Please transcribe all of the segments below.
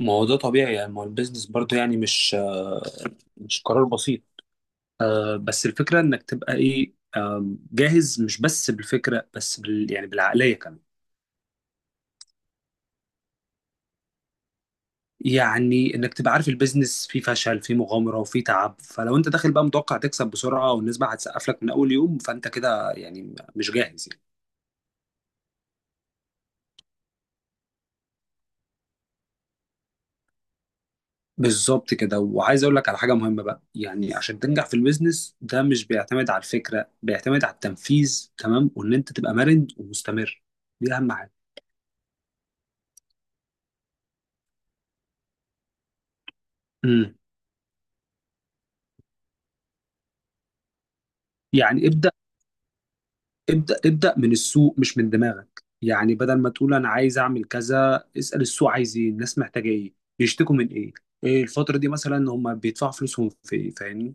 ما هو ده طبيعي، يعني ما هو البيزنس برضه يعني مش مش قرار بسيط. بس الفكرة انك تبقى ايه جاهز، مش بس بالفكرة بس بالعقلية كمان. يعني انك تبقى عارف البيزنس فيه فشل فيه مغامرة وفيه تعب، فلو انت داخل بقى متوقع تكسب بسرعة والنسبة هتسقف لك من اول يوم فانت كده يعني مش جاهز يعني. بالظبط كده، وعايز اقول لك على حاجة مهمة بقى، يعني عشان تنجح في البيزنس ده مش بيعتمد على الفكرة، بيعتمد على التنفيذ، تمام، وان انت تبقى مرن ومستمر. دي اهم حاجة. مم. يعني ابدأ ابدأ من السوق مش من دماغك، يعني بدل ما تقول أنا عايز أعمل كذا اسأل السوق عايز إيه، الناس محتاجة إيه، بيشتكوا من إيه، إيه الفترة دي مثلا هم بيدفعوا فلوسهم في إيه، فاهمني؟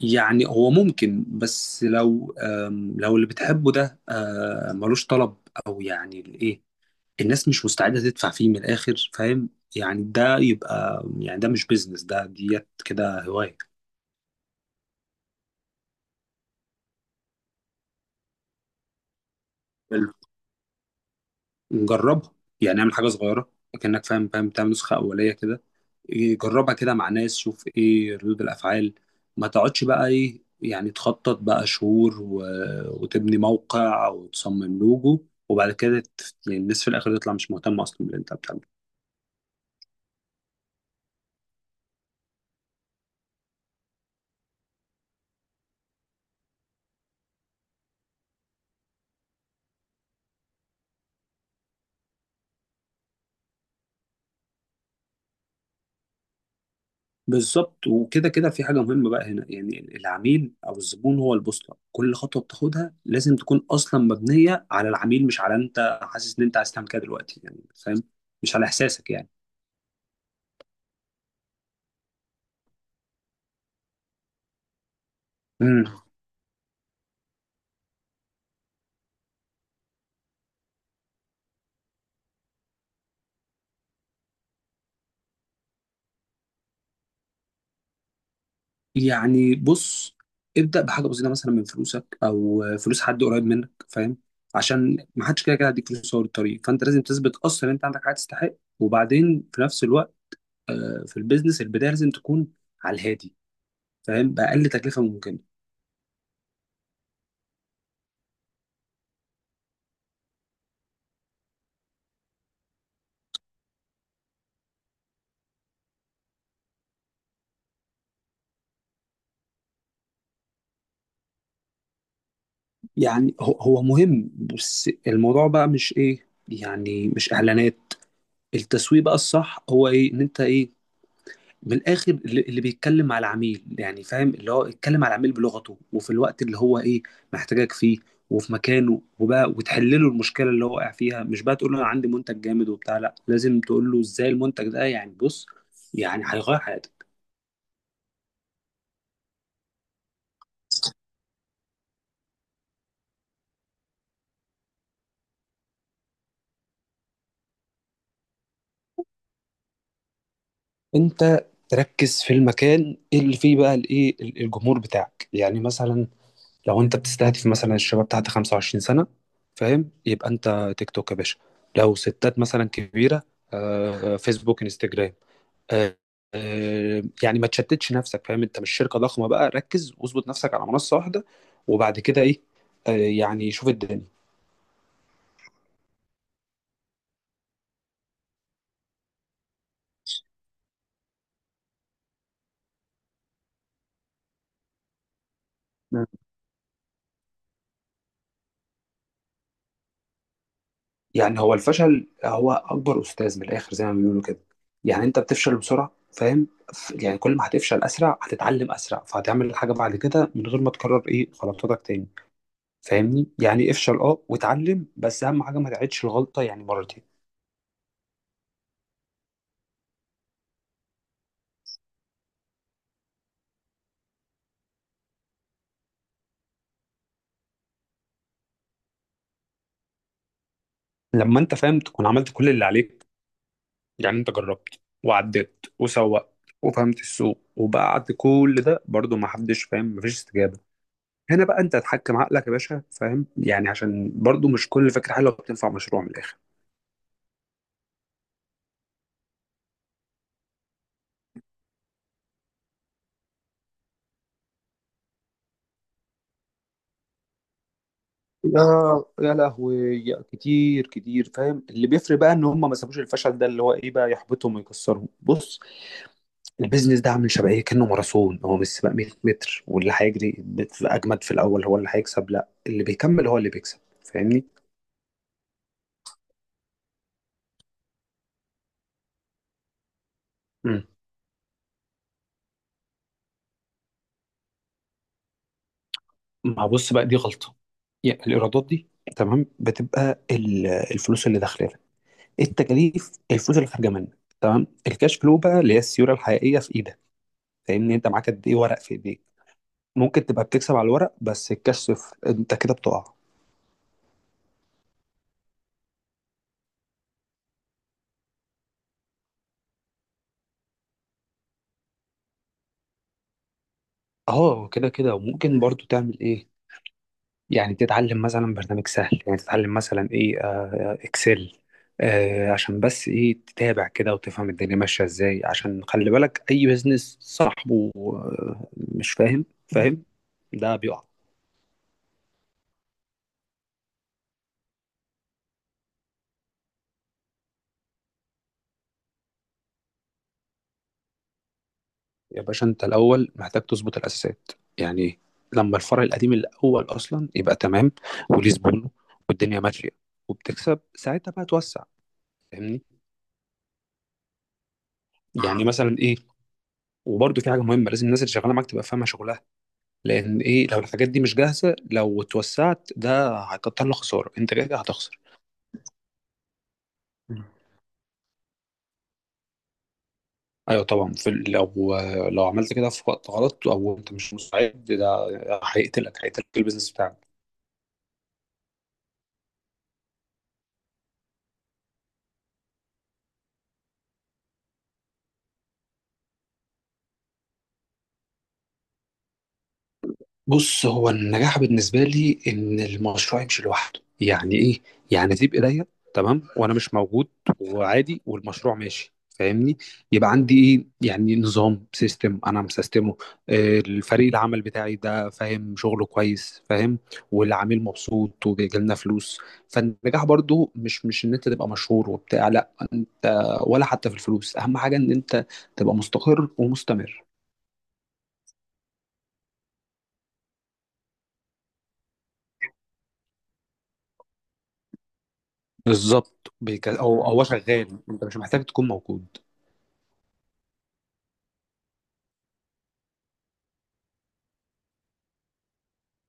يعني هو ممكن، بس لو لو اللي بتحبه ده ملوش طلب، أو يعني الإيه، الناس مش مستعدة تدفع فيه من الآخر، فاهم؟ يعني ده يبقى يعني ده مش بيزنس، ده ديت كده هواية. جربها، يعني اعمل حاجه صغيره، كانك فاهم تعمل نسخه اوليه كده. إيه، جربها كده مع ناس، شوف ايه ردود الافعال. ما تقعدش بقى ايه يعني تخطط بقى شهور و... وتبني موقع وتصمم لوجو وبعد كده يعني الناس في الاخر تطلع مش مهتمه اصلا باللي انت بتعمله. بالظبط، وكده كده في حاجه مهمه بقى هنا، يعني العميل او الزبون هو البوصله، كل خطوه بتاخدها لازم تكون اصلا مبنيه على العميل، مش على انت حاسس ان انت عايز تعمل كده دلوقتي، يعني فاهم؟ مش على احساسك. يعني يعني بص، ابدأ بحاجة بسيطة مثلا من فلوسك أو فلوس حد قريب منك، فاهم؟ عشان ما حدش كده كده هيديك فلوس أول الطريق، فأنت لازم تثبت أصلا إن أنت عندك حاجة تستحق. وبعدين في نفس الوقت في البيزنس البداية لازم تكون على الهادي، فاهم؟ بأقل تكلفة ممكنة. يعني هو مهم، بس الموضوع بقى مش إيه يعني مش إعلانات. التسويق بقى الصح هو إيه إن أنت إيه، من الاخر اللي بيتكلم على العميل، يعني فاهم اللي هو يتكلم على العميل بلغته، وفي الوقت اللي هو ايه محتاجك فيه، وفي مكانه، وبقى وتحل له المشكله اللي هو واقع فيها. مش بقى تقول له انا عندي منتج جامد وبتاع، لا لازم تقول له ازاي المنتج ده، يعني بص، يعني هيغير حياتك. انت تركز في المكان اللي فيه بقى الايه، الجمهور بتاعك. يعني مثلا لو انت بتستهدف مثلا الشباب تحت 25 سنة، فاهم؟ يبقى انت تيك توك يا باشا. لو ستات مثلا كبيرة، فيسبوك انستجرام. آه، يعني ما تشتتش نفسك، فاهم؟ انت مش شركة ضخمة بقى، ركز واظبط نفسك على منصة واحدة، وبعد كده ايه، يعني شوف الدنيا. مم. يعني هو الفشل هو اكبر استاذ من الاخر، زي ما بيقولوا كده. يعني انت بتفشل بسرعة، فاهم؟ يعني كل ما هتفشل اسرع هتتعلم اسرع، فهتعمل الحاجة بعد كده من غير ما تكرر ايه غلطاتك تاني. فاهمني؟ يعني افشل اه واتعلم، بس اهم حاجة ما تعيدش الغلطة يعني مرتين. لما انت فاهم تكون عملت كل اللي عليك، يعني انت جربت وعديت وسوقت وفهمت السوق، وبعد كل ده برضو ما حدش فاهم، مفيش استجابة، هنا بقى انت هتحكم عقلك يا باشا، فاهم؟ يعني عشان برضو مش كل فكرة حلوة بتنفع مشروع من الآخر. يا يا لهوي، يا كتير، فاهم؟ اللي بيفرق بقى ان هم ما سابوش الفشل ده اللي هو ايه بقى يحبطهم ويكسرهم. بص، البيزنس ده عامل شبه ايه، كانه ماراثون، هو مش سباق 100 متر واللي هيجري اجمد في الاول هو اللي هيكسب، لا اللي بيكمل هو اللي بيكسب. فاهمني؟ ما بص بقى، دي غلطة. يعني الإيرادات دي تمام، بتبقى الفلوس اللي داخلة لك، التكاليف الفلوس اللي خارجة منك، تمام، الكاش فلو بقى اللي هي السيولة الحقيقية في إيدك، فاهمني؟ أنت معاك قد إيه ورق في إيديك. ممكن تبقى بتكسب على الورق بس الكاش صفر، أنت كده بتقع. أه كده كده، وممكن برضو تعمل إيه، يعني تتعلم مثلا برنامج سهل، يعني تتعلم مثلا ايه اكسل، عشان بس ايه تتابع كده وتفهم الدنيا ماشيه ازاي، عشان خلي بالك اي بزنس صاحبه مش فاهم ده بيقع. يا باشا انت الاول محتاج تظبط الاساسات. يعني لما الفرع القديم الاول اصلا يبقى تمام وليه زبونه والدنيا ماشيه وبتكسب، ساعتها بقى توسع، فاهمني؟ يعني مثلا ايه، وبرده في حاجه مهمه، لازم الناس اللي شغاله معاك تبقى فاهمه شغلها، لان ايه لو الحاجات دي مش جاهزه لو اتوسعت ده هيكتر لك خساره، انت كده كده هتخسر. مم. ايوه طبعا، في لو عملت كده في وقت غلط او انت مش مستعد، ده هيقتلك البيزنس بتاعك. بص، هو النجاح بالنسبة لي إن المشروع يمشي لوحده. يعني إيه؟ يعني تبقى إيديا تمام وأنا مش موجود وعادي والمشروع ماشي، فاهمني؟ يبقى عندي إيه؟ يعني نظام سيستم أنا مسيستمه، الفريق العمل بتاعي ده فاهم شغله كويس، فاهم؟ والعميل مبسوط وبيجيلنا فلوس. فالنجاح برضو مش إن أنت تبقى مشهور وبتاع، لا أنت ولا حتى في الفلوس. أهم حاجة إن أنت تبقى مستقر ومستمر. بالظبط، هو شغال، انت مش محتاج تكون موجود.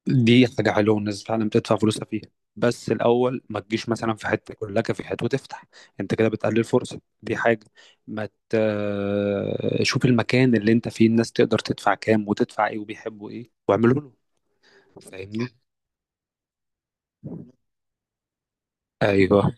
دي حاجه حلوه والناس فعلا بتدفع فلوسها فيها، بس الاول ما تجيش مثلا في حته يقول لك في حته وتفتح، انت كده بتقلل فرصه. دي حاجه. ما ت... شوف المكان اللي انت فيه الناس تقدر تدفع كام وتدفع ايه وبيحبوا ايه، واعمله له، فاهمني؟ ايوه.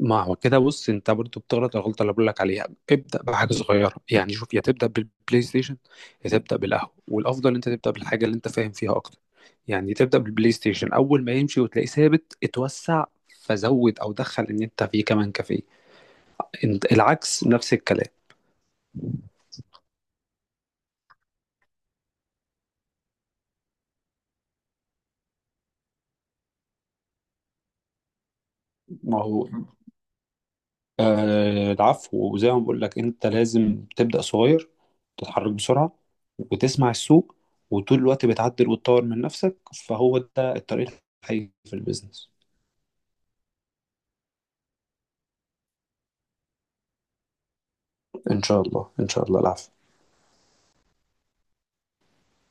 ما هو كده بص انت برضو بتغلط الغلطه اللي بقول لك عليها. ابدا بحاجه صغيره، يعني شوف، يا تبدا بالبلاي ستيشن يا تبدا بالقهوه، والافضل انت تبدا بالحاجه اللي انت فاهم فيها اكتر. يعني تبدا بالبلاي ستيشن، اول ما يمشي وتلاقيه ثابت اتوسع، فزود او دخل ان انت فيه كمان كافيه. انت- العكس نفس الكلام. ما هو العفو، وزي ما بقول لك انت لازم تبدأ صغير، تتحرك بسرعة، وتسمع السوق، وطول الوقت بتعدل وتطور من نفسك. فهو ده الطريق الحقيقي في البيزنس. ان شاء الله، ان شاء الله، العفو.